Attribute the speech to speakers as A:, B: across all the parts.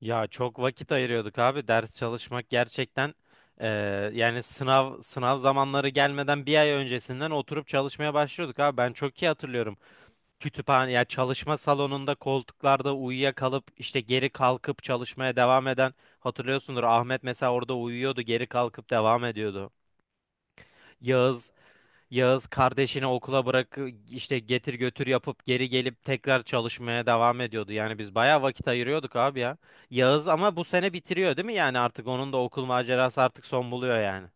A: Ya çok vakit ayırıyorduk abi. Ders çalışmak gerçekten eee, yani sınav zamanları gelmeden bir ay öncesinden oturup çalışmaya başlıyorduk abi. Ben çok iyi hatırlıyorum. Kütüphane ya çalışma salonunda koltuklarda uyuyakalıp işte geri kalkıp çalışmaya devam eden hatırlıyorsundur. Ahmet mesela orada uyuyordu, geri kalkıp devam ediyordu. Yağız Yağız kardeşini okula bırak işte getir götür yapıp geri gelip tekrar çalışmaya devam ediyordu. Yani biz bayağı vakit ayırıyorduk abi ya. Yağız ama bu sene bitiriyor değil mi? Yani artık onun da okul macerası artık son buluyor yani.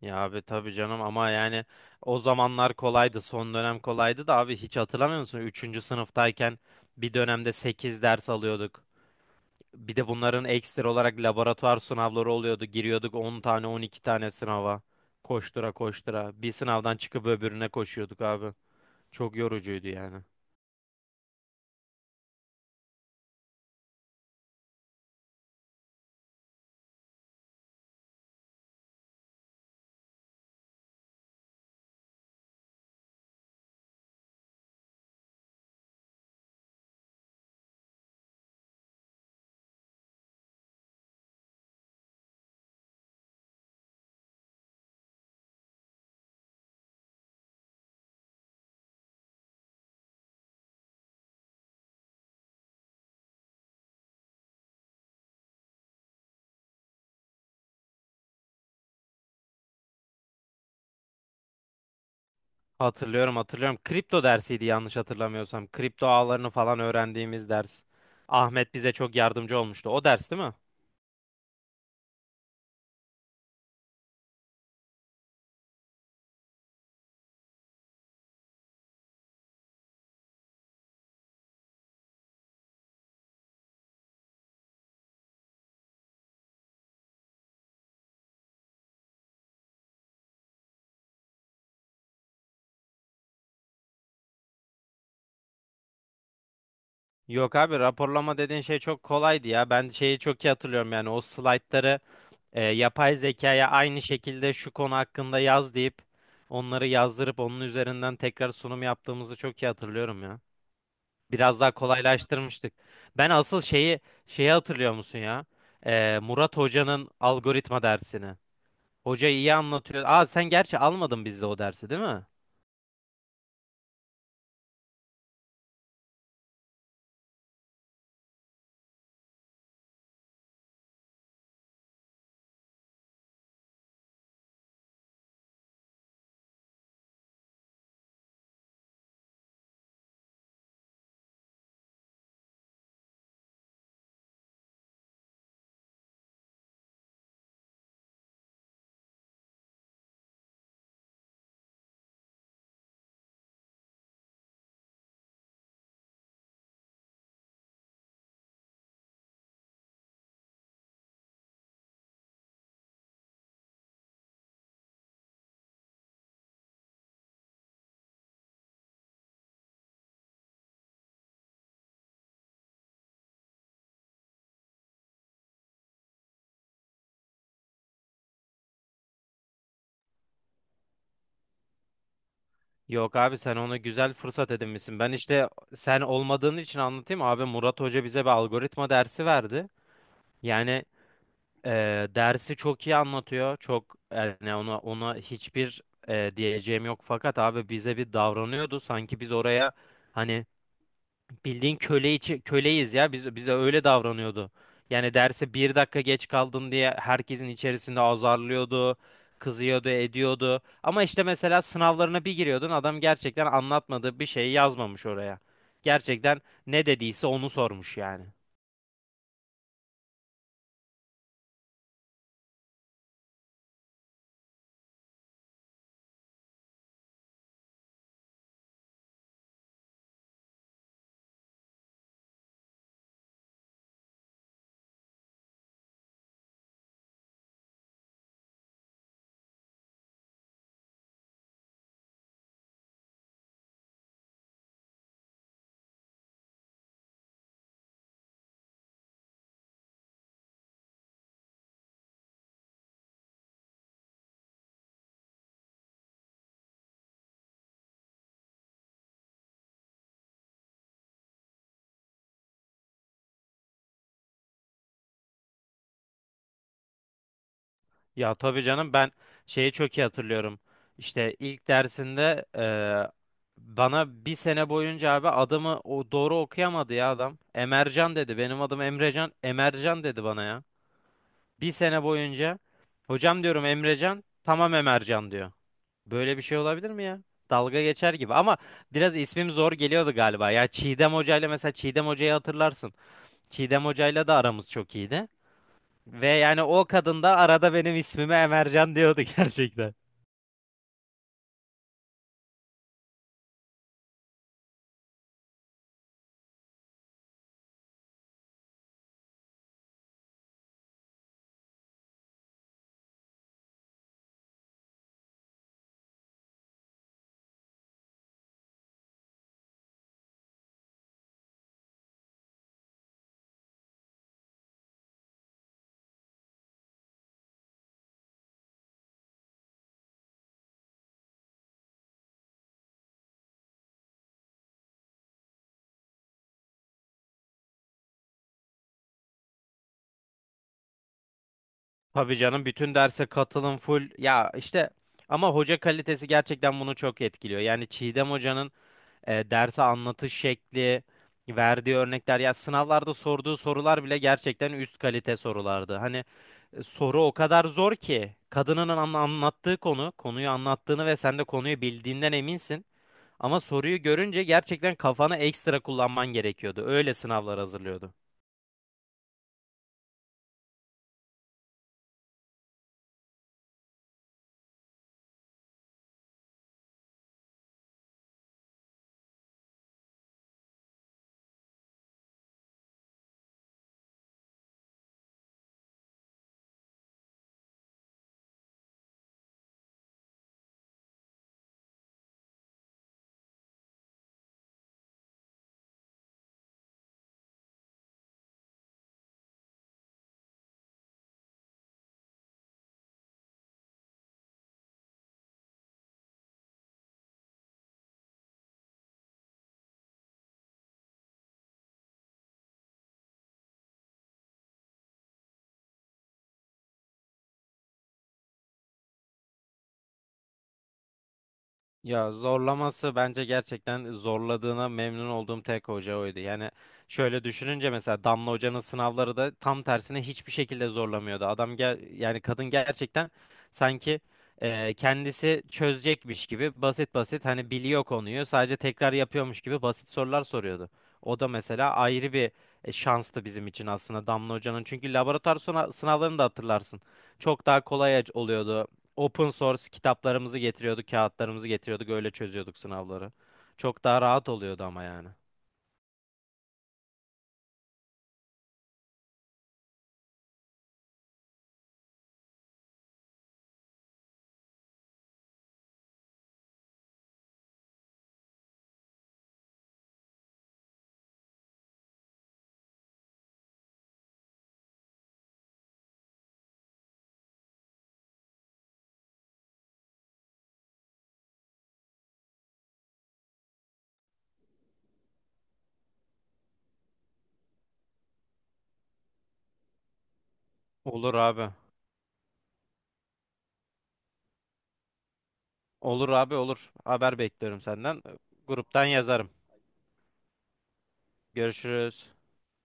A: Ya abi tabii canım ama yani o zamanlar kolaydı. Son dönem kolaydı da abi hiç hatırlamıyor musun? Üçüncü sınıftayken bir dönemde 8 ders alıyorduk. Bir de bunların ekstra olarak laboratuvar sınavları oluyordu. Giriyorduk 10 tane 12 tane sınava. Koştura koştura. Bir sınavdan çıkıp öbürüne koşuyorduk abi. Çok yorucuydu yani. Hatırlıyorum hatırlıyorum. Kripto dersiydi yanlış hatırlamıyorsam. Kripto ağlarını falan öğrendiğimiz ders. Ahmet bize çok yardımcı olmuştu. O ders değil mi? Yok abi raporlama dediğin şey çok kolaydı ya. Ben şeyi çok iyi hatırlıyorum yani o slaytları yapay zekaya aynı şekilde şu konu hakkında yaz deyip onları yazdırıp onun üzerinden tekrar sunum yaptığımızı çok iyi hatırlıyorum ya. Biraz daha kolaylaştırmıştık. Ben asıl şeyi hatırlıyor musun ya? Murat Hoca'nın algoritma dersini. Hoca iyi anlatıyor. Aa sen gerçi almadın bizde o dersi değil mi? Yok abi sen ona güzel fırsat edinmişsin. Ben işte sen olmadığın için anlatayım. Abi Murat Hoca bize bir algoritma dersi verdi. Yani dersi çok iyi anlatıyor. Çok yani ona hiçbir diyeceğim yok fakat abi bize bir davranıyordu sanki biz oraya hani bildiğin köle içi, köleyiz ya biz bize öyle davranıyordu. Yani derse bir dakika geç kaldın diye herkesin içerisinde azarlıyordu, kızıyordu, ediyordu. Ama işte mesela sınavlarına bir giriyordun adam gerçekten anlatmadığı bir şeyi yazmamış oraya. Gerçekten ne dediyse onu sormuş yani. Ya tabii canım ben şeyi çok iyi hatırlıyorum. İşte ilk dersinde bana bir sene boyunca abi adımı o doğru okuyamadı ya adam. Emercan dedi. Benim adım Emrecan. Emercan dedi bana ya. Bir sene boyunca hocam diyorum Emrecan. Tamam Emercan diyor. Böyle bir şey olabilir mi ya? Dalga geçer gibi ama biraz ismim zor geliyordu galiba. Ya Çiğdem Hoca'yla mesela Çiğdem Hoca'yı hatırlarsın. Çiğdem Hoca'yla da aramız çok iyiydi. Ve yani o kadın da arada benim ismime Emercan diyordu gerçekten. Tabii canım bütün derse katılım full. Ya işte ama hoca kalitesi gerçekten bunu çok etkiliyor. Yani Çiğdem hocanın derse anlatış şekli, verdiği örnekler ya sınavlarda sorduğu sorular bile gerçekten üst kalite sorulardı. Hani soru o kadar zor ki kadının anlattığı konu, konuyu anlattığını ve sen de konuyu bildiğinden eminsin. Ama soruyu görünce gerçekten kafanı ekstra kullanman gerekiyordu. Öyle sınavlar hazırlıyordu. Ya zorlaması bence gerçekten zorladığına memnun olduğum tek hoca oydu. Yani şöyle düşününce mesela Damla Hoca'nın sınavları da tam tersine hiçbir şekilde zorlamıyordu. Adam gel yani kadın gerçekten sanki kendisi çözecekmiş gibi basit basit hani biliyor konuyu sadece tekrar yapıyormuş gibi basit sorular soruyordu. O da mesela ayrı bir şanstı bizim için aslında Damla Hoca'nın. Çünkü laboratuvar sınavlarını da hatırlarsın. Çok daha kolay oluyordu open source kitaplarımızı getiriyorduk, kağıtlarımızı getiriyorduk, öyle çözüyorduk sınavları. Çok daha rahat oluyordu ama yani. Olur abi. Olur abi olur. Haber bekliyorum senden. Gruptan yazarım. Görüşürüz.